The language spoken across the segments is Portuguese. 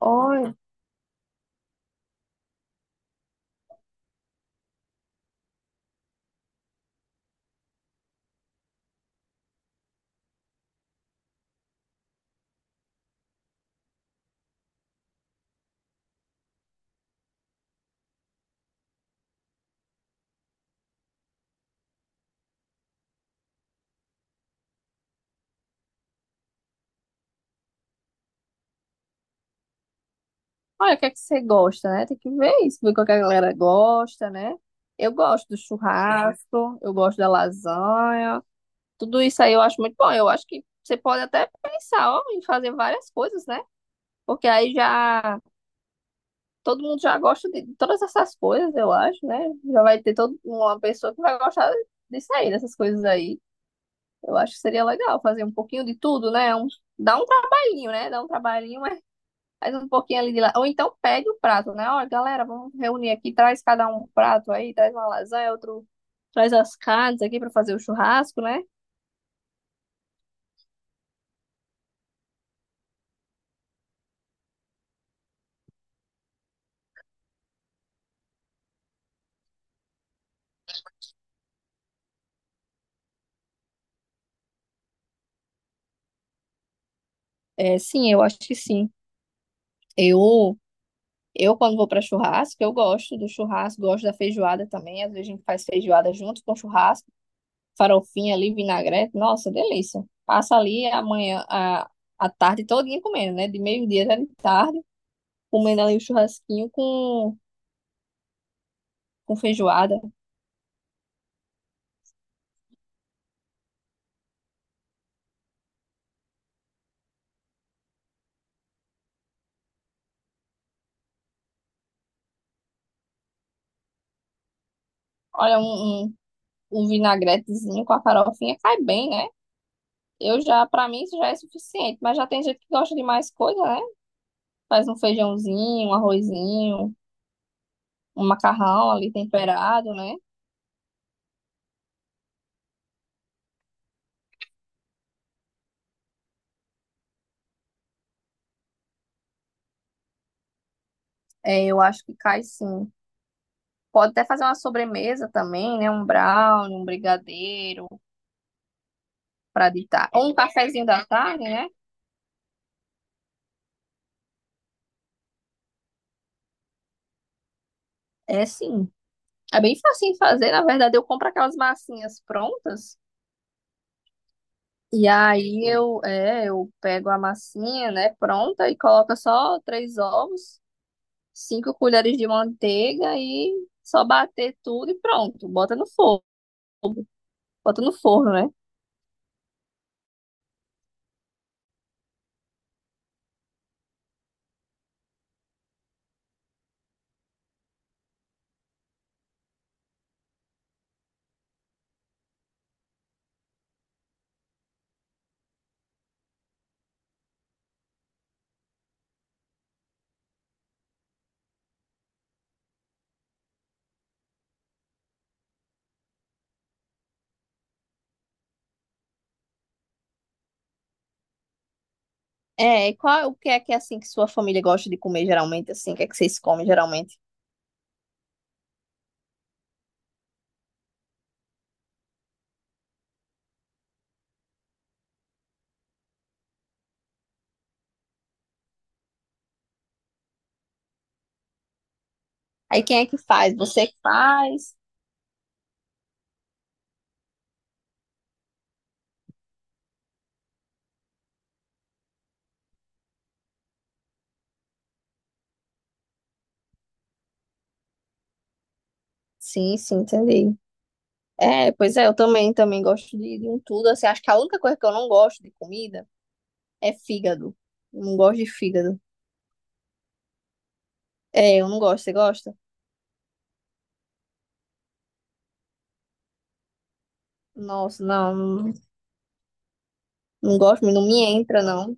Olha, olha, o que é que você gosta, né? Tem que ver isso, ver o que a galera gosta, né? Eu gosto do churrasco, eu gosto da lasanha, tudo isso aí eu acho muito bom. Eu acho que você pode até pensar, ó, em fazer várias coisas, né? Porque aí já todo mundo já gosta de todas essas coisas, eu acho, né? Já vai ter toda uma pessoa que vai gostar disso aí, dessas coisas aí. Eu acho que seria legal fazer um pouquinho de tudo, né? Dá um trabalhinho, né? Dá um trabalhinho, faz um pouquinho ali de lá. Ou então pede o prato, né? Olha, galera, vamos reunir aqui, traz cada um um prato aí, traz uma lasanha, outro traz as carnes aqui para fazer o churrasco, né? É, sim, eu acho que sim. Eu, eu quando vou para churrasco, eu gosto do churrasco, gosto da feijoada também. Às vezes a gente faz feijoada junto com churrasco, farofinha ali, vinagrete. Nossa, delícia. Passa ali amanhã, a tarde todinha comendo, né? De meio-dia até de tarde, comendo ali o churrasquinho com feijoada. Olha, um vinagretezinho com a farofinha cai bem, né? Eu já, pra mim, isso já é suficiente. Mas já tem gente que gosta de mais coisa, né? Faz um feijãozinho, um arrozinho, um macarrão ali temperado, né? É, eu acho que cai sim. Pode até fazer uma sobremesa também, né? Um brownie, um brigadeiro pra ditar. Ou um cafezinho da tarde, né? É, sim. É bem facinho de fazer. Na verdade, eu compro aquelas massinhas prontas. E aí eu pego a massinha, né, pronta e coloco só três ovos, 5 colheres de manteiga e só bater tudo e pronto. Bota no forno, né? É, e qual, o que é assim que sua família gosta de comer geralmente assim? O que é que vocês comem geralmente? Aí quem é que faz? Você que faz? Sim, sim, entendi. É, pois é, eu também gosto de um tudo assim. Acho que a única coisa que eu não gosto de comida é fígado. Eu não gosto de fígado. É, eu não gosto. Você gosta? Nossa, não, não gosto, não me entra, não.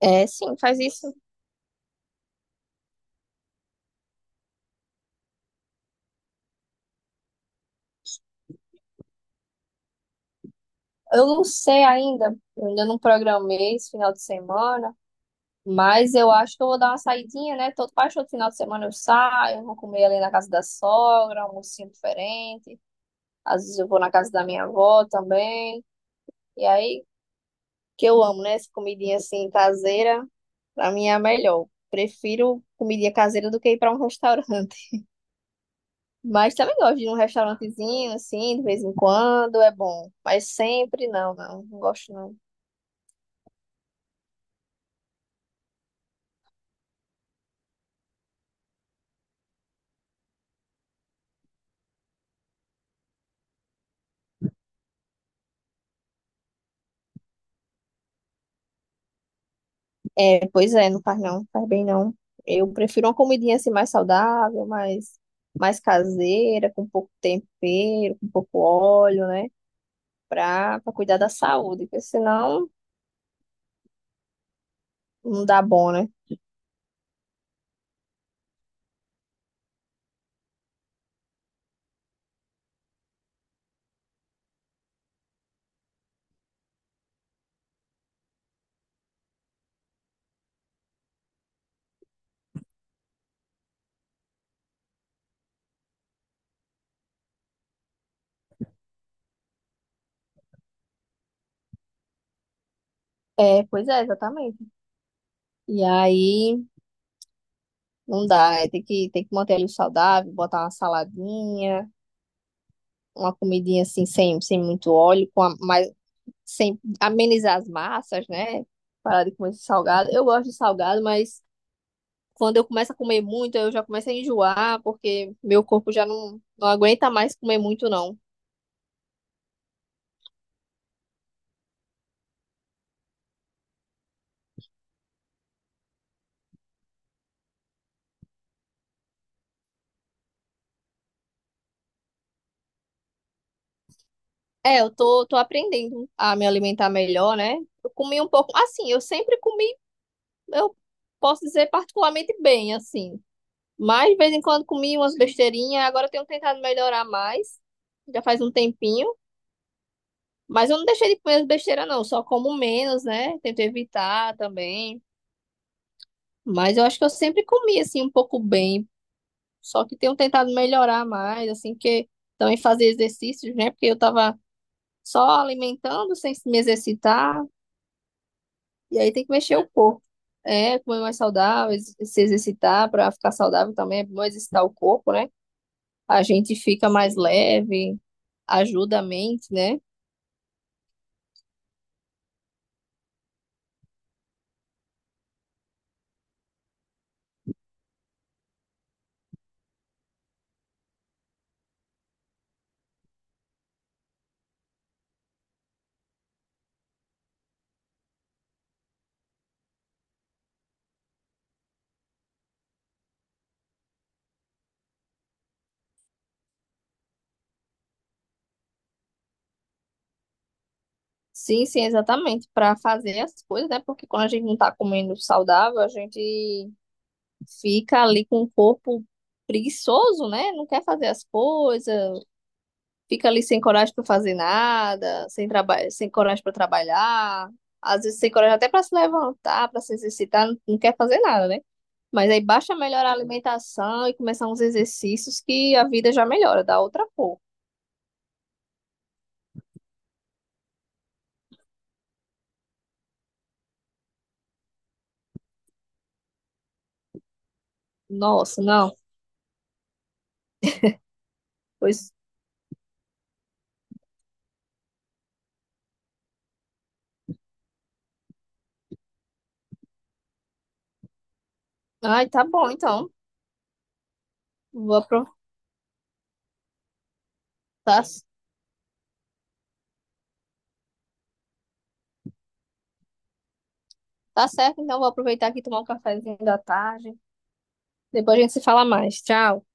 É, sim, faz isso. Eu não sei ainda, eu ainda não programei esse final de semana, mas eu acho que eu vou dar uma saidinha, né? Todo, quase todo final de semana eu saio, eu vou comer ali na casa da sogra, um almocinho diferente. Às vezes eu vou na casa da minha avó também. E aí, que eu amo, né? Essa comidinha assim caseira, pra mim é a melhor. Prefiro comidinha caseira do que ir pra um restaurante. Mas também gosto de ir num restaurantezinho, assim, de vez em quando, é bom. Mas sempre não, não, não gosto não. É, pois é, não faz não, faz bem não. Eu prefiro uma comidinha assim mais saudável, mais, mais caseira, com pouco tempero, com pouco óleo, né? Pra cuidar da saúde, porque senão não dá bom, né? É, pois é, exatamente. E aí não dá, é, tem que manter ali o saudável, botar uma saladinha, uma comidinha assim, sem, sem muito óleo, com a, mais, sem amenizar as massas, né? Parar de comer esse salgado. Eu gosto de salgado, mas quando eu começo a comer muito, eu já começo a enjoar, porque meu corpo já não, não aguenta mais comer muito, não. É, tô aprendendo a me alimentar melhor, né? Eu comi um pouco. Assim, eu sempre comi, eu posso dizer particularmente bem, assim. Mas de vez em quando comi umas besteirinhas, agora eu tenho tentado melhorar mais. Já faz um tempinho. Mas eu não deixei de comer as besteiras, não. Só como menos, né? Tento evitar também. Mas eu acho que eu sempre comi assim um pouco bem, só que tenho tentado melhorar mais, assim que também fazer exercícios, né? Porque eu tava só alimentando sem me exercitar, e aí tem que mexer o corpo. É, comer mais saudável, se exercitar para ficar saudável também é bom exercitar o corpo, né? A gente fica mais leve, ajuda a mente, né? Sim, sim, exatamente, para fazer as coisas, né? Porque quando a gente não tá comendo saudável, a gente fica ali com o corpo preguiçoso, né? Não quer fazer as coisas, fica ali sem coragem para fazer nada, sem trabalho, sem coragem para trabalhar, às vezes sem coragem até para se levantar, para se exercitar, não, não quer fazer nada, né? Mas aí basta melhorar a alimentação e começar uns exercícios que a vida já melhora, dá outra cor. Nossa, não. Pois, ai, tá bom, então. Vou aproveitar. Tá, tá certo, então vou aproveitar aqui e tomar um cafezinho da tarde. Depois a gente se fala mais. Tchau.